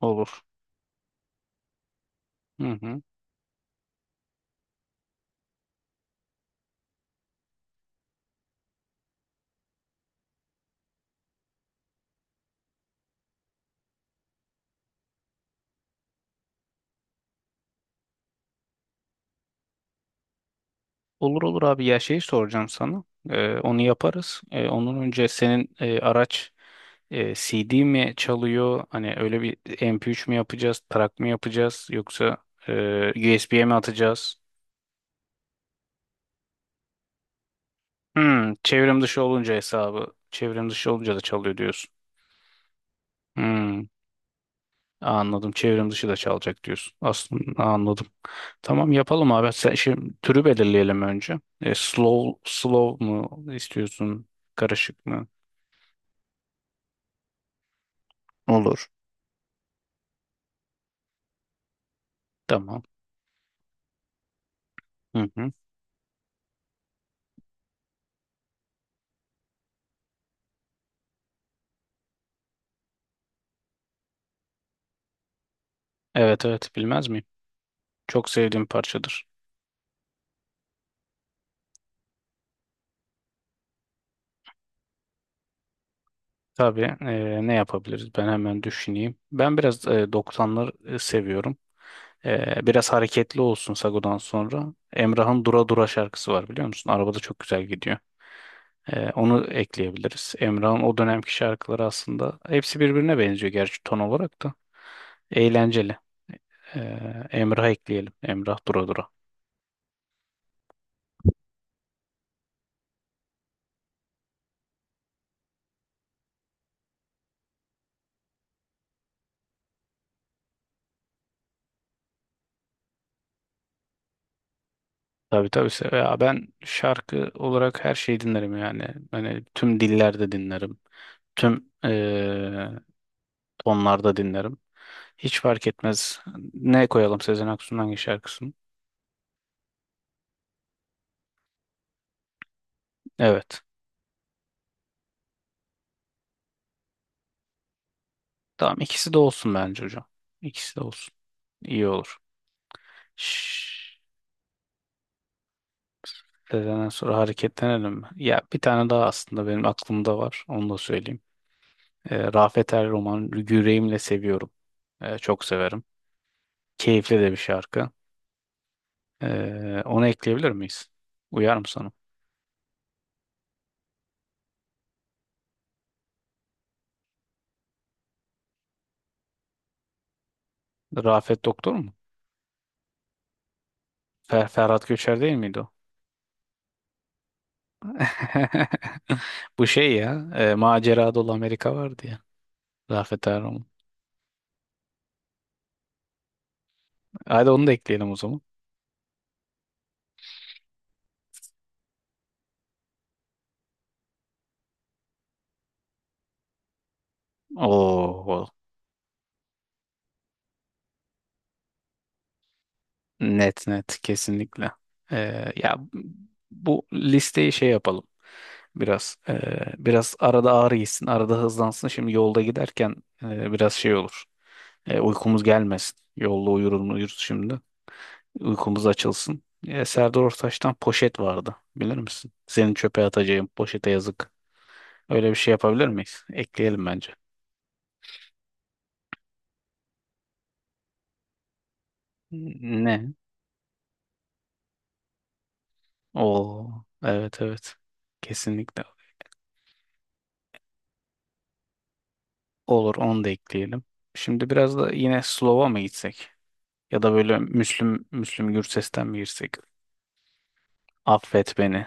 Olur. Hı hı. Olur olur abi, ya şey soracağım sana. Onu yaparız. Ondan önce senin araç CD mi çalıyor? Hani öyle bir MP3 mü yapacağız, track mı yapacağız yoksa USB'ye mi atacağız? Çevrim dışı olunca hesabı, çevrim dışı olunca da çalıyor diyorsun. Hmm, Anladım. Çevrim dışı da çalacak diyorsun. Aslında anladım. Tamam, yapalım abi. Sen şimdi türü belirleyelim önce. Slow slow mu istiyorsun? Karışık mı? Olur. Tamam. Hı hı. Evet, evet, bilmez miyim? Çok sevdiğim parçadır. Tabii, ne yapabiliriz? Ben hemen düşüneyim. Ben biraz 90'lar seviyorum. Biraz hareketli olsun Sago'dan sonra. Emrah'ın Dura Dura şarkısı var, biliyor musun? Arabada çok güzel gidiyor. Onu ekleyebiliriz. Emrah'ın o dönemki şarkıları aslında hepsi birbirine benziyor gerçi, ton olarak da. Eğlenceli. E, Emrah ekleyelim. Emrah Dura Dura. Tabii, tabii. Ya, ben şarkı olarak her şeyi dinlerim yani. Hani tüm dillerde dinlerim. Tüm tonlarda dinlerim. Hiç fark etmez. Ne koyalım, Sezen Aksu'nun hangi şarkısını? Evet. Tamam, ikisi de olsun bence hocam. İkisi de olsun. İyi olur. Şşş, Sezen'den sonra hareketlenelim mi? Ya, bir tane daha aslında benim aklımda var. Onu da söyleyeyim. Rafet Er Roman Yüreğimle Seviyorum. Çok severim. Keyifli de bir şarkı. Onu ekleyebilir miyiz? Uyar mı sana? Rafet Doktor mu? Ferhat Göçer değil miydi o? Bu şey ya. Macera Dolu Amerika vardı ya. Rafet Erman. Hadi, onu da ekleyelim o zaman. Oo, net net, kesinlikle. Ya, bu listeyi şey yapalım biraz. Biraz arada ağrı gitsin, arada hızlansın. Şimdi yolda giderken biraz şey olur. Uykumuz gelmesin. Yolda uyuruz uyuruz şimdi. Uykumuz açılsın. Serdar Ortaç'tan Poşet vardı. Bilir misin? Seni çöpe atacağım. Poşete yazık. Öyle bir şey yapabilir miyiz? Ekleyelim bence. Ne? Oo, evet, evet. Kesinlikle. Olur, onu da ekleyelim. Şimdi biraz da yine Slow'a mı gitsek? Ya da böyle Müslüm, Müslüm Gürses'ten mi girsek? Affet Beni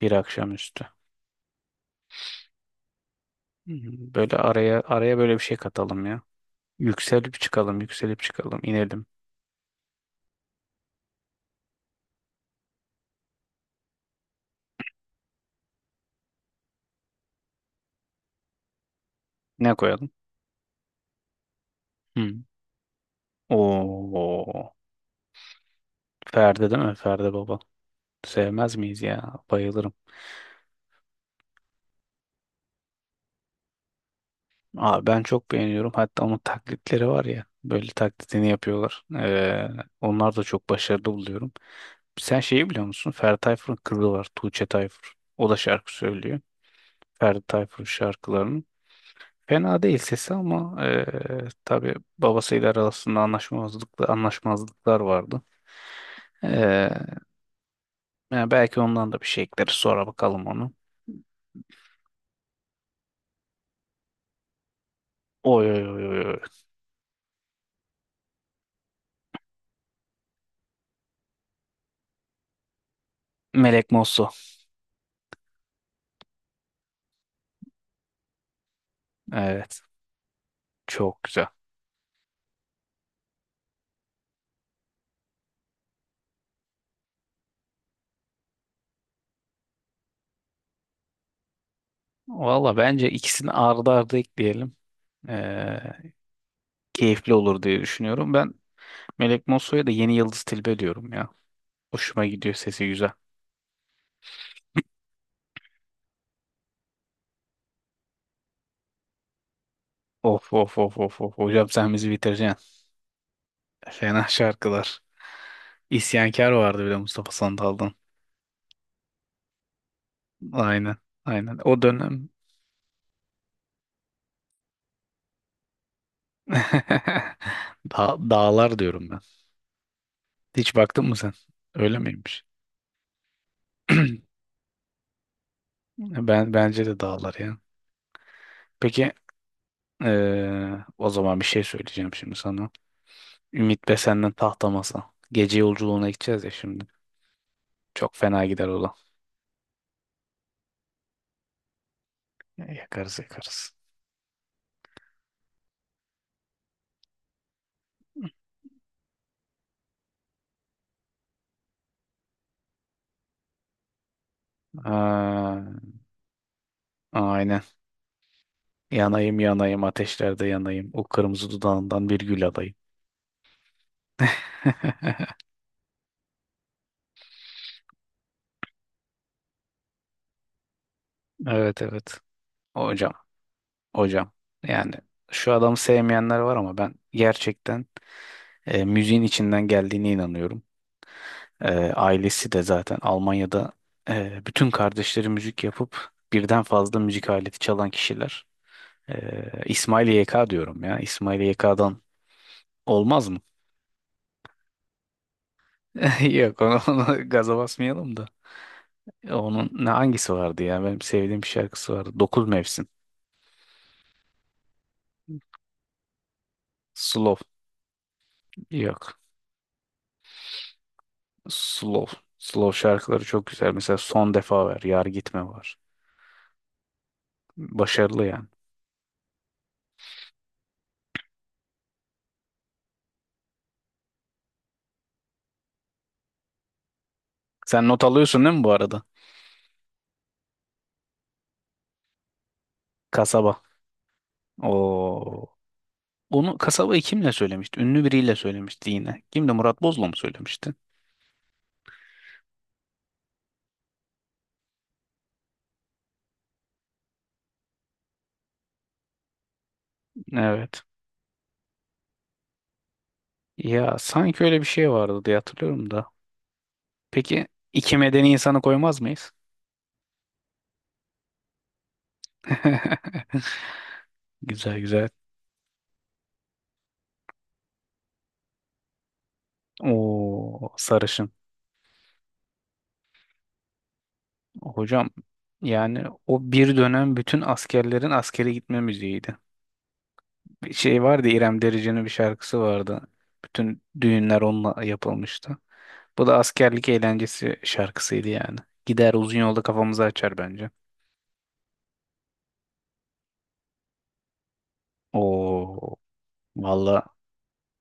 Bir Akşamüstü. Böyle araya araya böyle bir şey katalım ya. Yükselip çıkalım, yükselip çıkalım, inelim. Ne koyalım? Hmm. Oo. Ferdi değil mi? Ferdi Baba. Sevmez miyiz ya? Bayılırım. Aa, ben çok beğeniyorum. Hatta onun taklitleri var ya. Böyle taklitini yapıyorlar. Onlar da çok başarılı buluyorum. Sen şeyi biliyor musun? Ferdi Tayfur'un kızı var. Tuğçe Tayfur. O da şarkı söylüyor. Ferdi Tayfur'un şarkılarının. Fena değil sesi, ama tabii babasıyla arasında anlaşmazlıklar, anlaşmazlıklar vardı. Ee, Yani belki ondan da bir şey ekleriz. Sonra bakalım onu. Oy, oy, oy, oy, oy. Melek Mosso. Evet. Çok güzel. Valla, bence ikisini ardı ardı ekleyelim. Ee, Keyifli olur diye düşünüyorum. Ben Melek Mosso'ya da yeni Yıldız Tilbe diyorum ya. Hoşuma gidiyor, sesi güzel. Of, of, of, of, of. Hocam, sen bizi bitireceksin. Fena şarkılar. İsyankar vardı bile Mustafa Sandal'dan. Aynen. Aynen. O dönem. Dağlar diyorum ben. Hiç baktın mı sen? Öyle miymiş? Ben bence de dağlar ya. Peki, ee, o zaman bir şey söyleyeceğim şimdi sana. Ümit Be senden tahta masa. Gece yolculuğuna gideceğiz ya şimdi. Çok fena gider o da. Yakarız yakarız. Aa, aynen. Yanayım yanayım ateşlerde yanayım. O kırmızı dudağından bir gül alayım. Evet, evet. Hocam, hocam. Yani şu adamı sevmeyenler var ama ben gerçekten müziğin içinden geldiğine inanıyorum. Ailesi de zaten Almanya'da bütün kardeşleri müzik yapıp birden fazla müzik aleti çalan kişiler. İsmail YK diyorum ya. İsmail YK'dan olmaz mı? Yok, onu gaza basmayalım da. Onun ne, hangisi vardı ya? Benim sevdiğim bir şarkısı vardı. Dokuz Mevsim. Slow. Yok. Slow. Slow şarkıları çok güzel. Mesela Son Defa ver Yar Gitme var. Başarılı yani. Sen not alıyorsun değil mi, bu arada? Kasaba. Oo. Onu, Kasabayı kimle söylemişti? Ünlü biriyle söylemişti yine. Kimdi? Murat Bozla mı söylemişti? Evet. Ya, sanki öyle bir şey vardı diye hatırlıyorum da. Peki, iki medeni insanı koymaz mıyız? Güzel, güzel. O sarışın. Hocam, yani o bir dönem bütün askerlerin askere gitme müziğiydi. Bir şey vardı, İrem Derici'nin bir şarkısı vardı. Bütün düğünler onunla yapılmıştı. Bu da askerlik eğlencesi şarkısıydı yani. Gider, uzun yolda kafamızı açar bence. O, valla,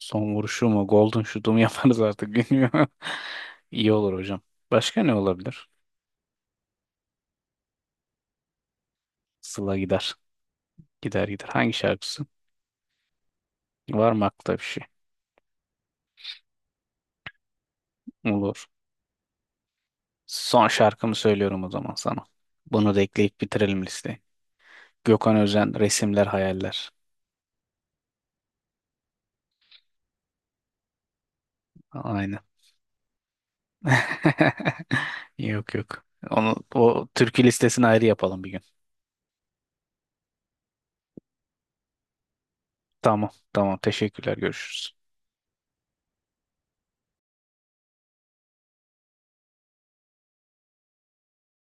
son vuruşu mu, golden shoot'u mu yaparız artık, bilmiyorum. İyi olur hocam. Başka ne olabilir? Sıla gider. Gider gider. Hangi şarkısı? Var mı aklında bir şey? Olur. Son şarkımı söylüyorum o zaman sana. Bunu da ekleyip bitirelim listeyi. Gökhan Özen, Resimler Hayaller. Aynen. Yok, yok. Onu, o türkü listesini ayrı yapalım bir gün. Tamam, tamam. Teşekkürler. Görüşürüz.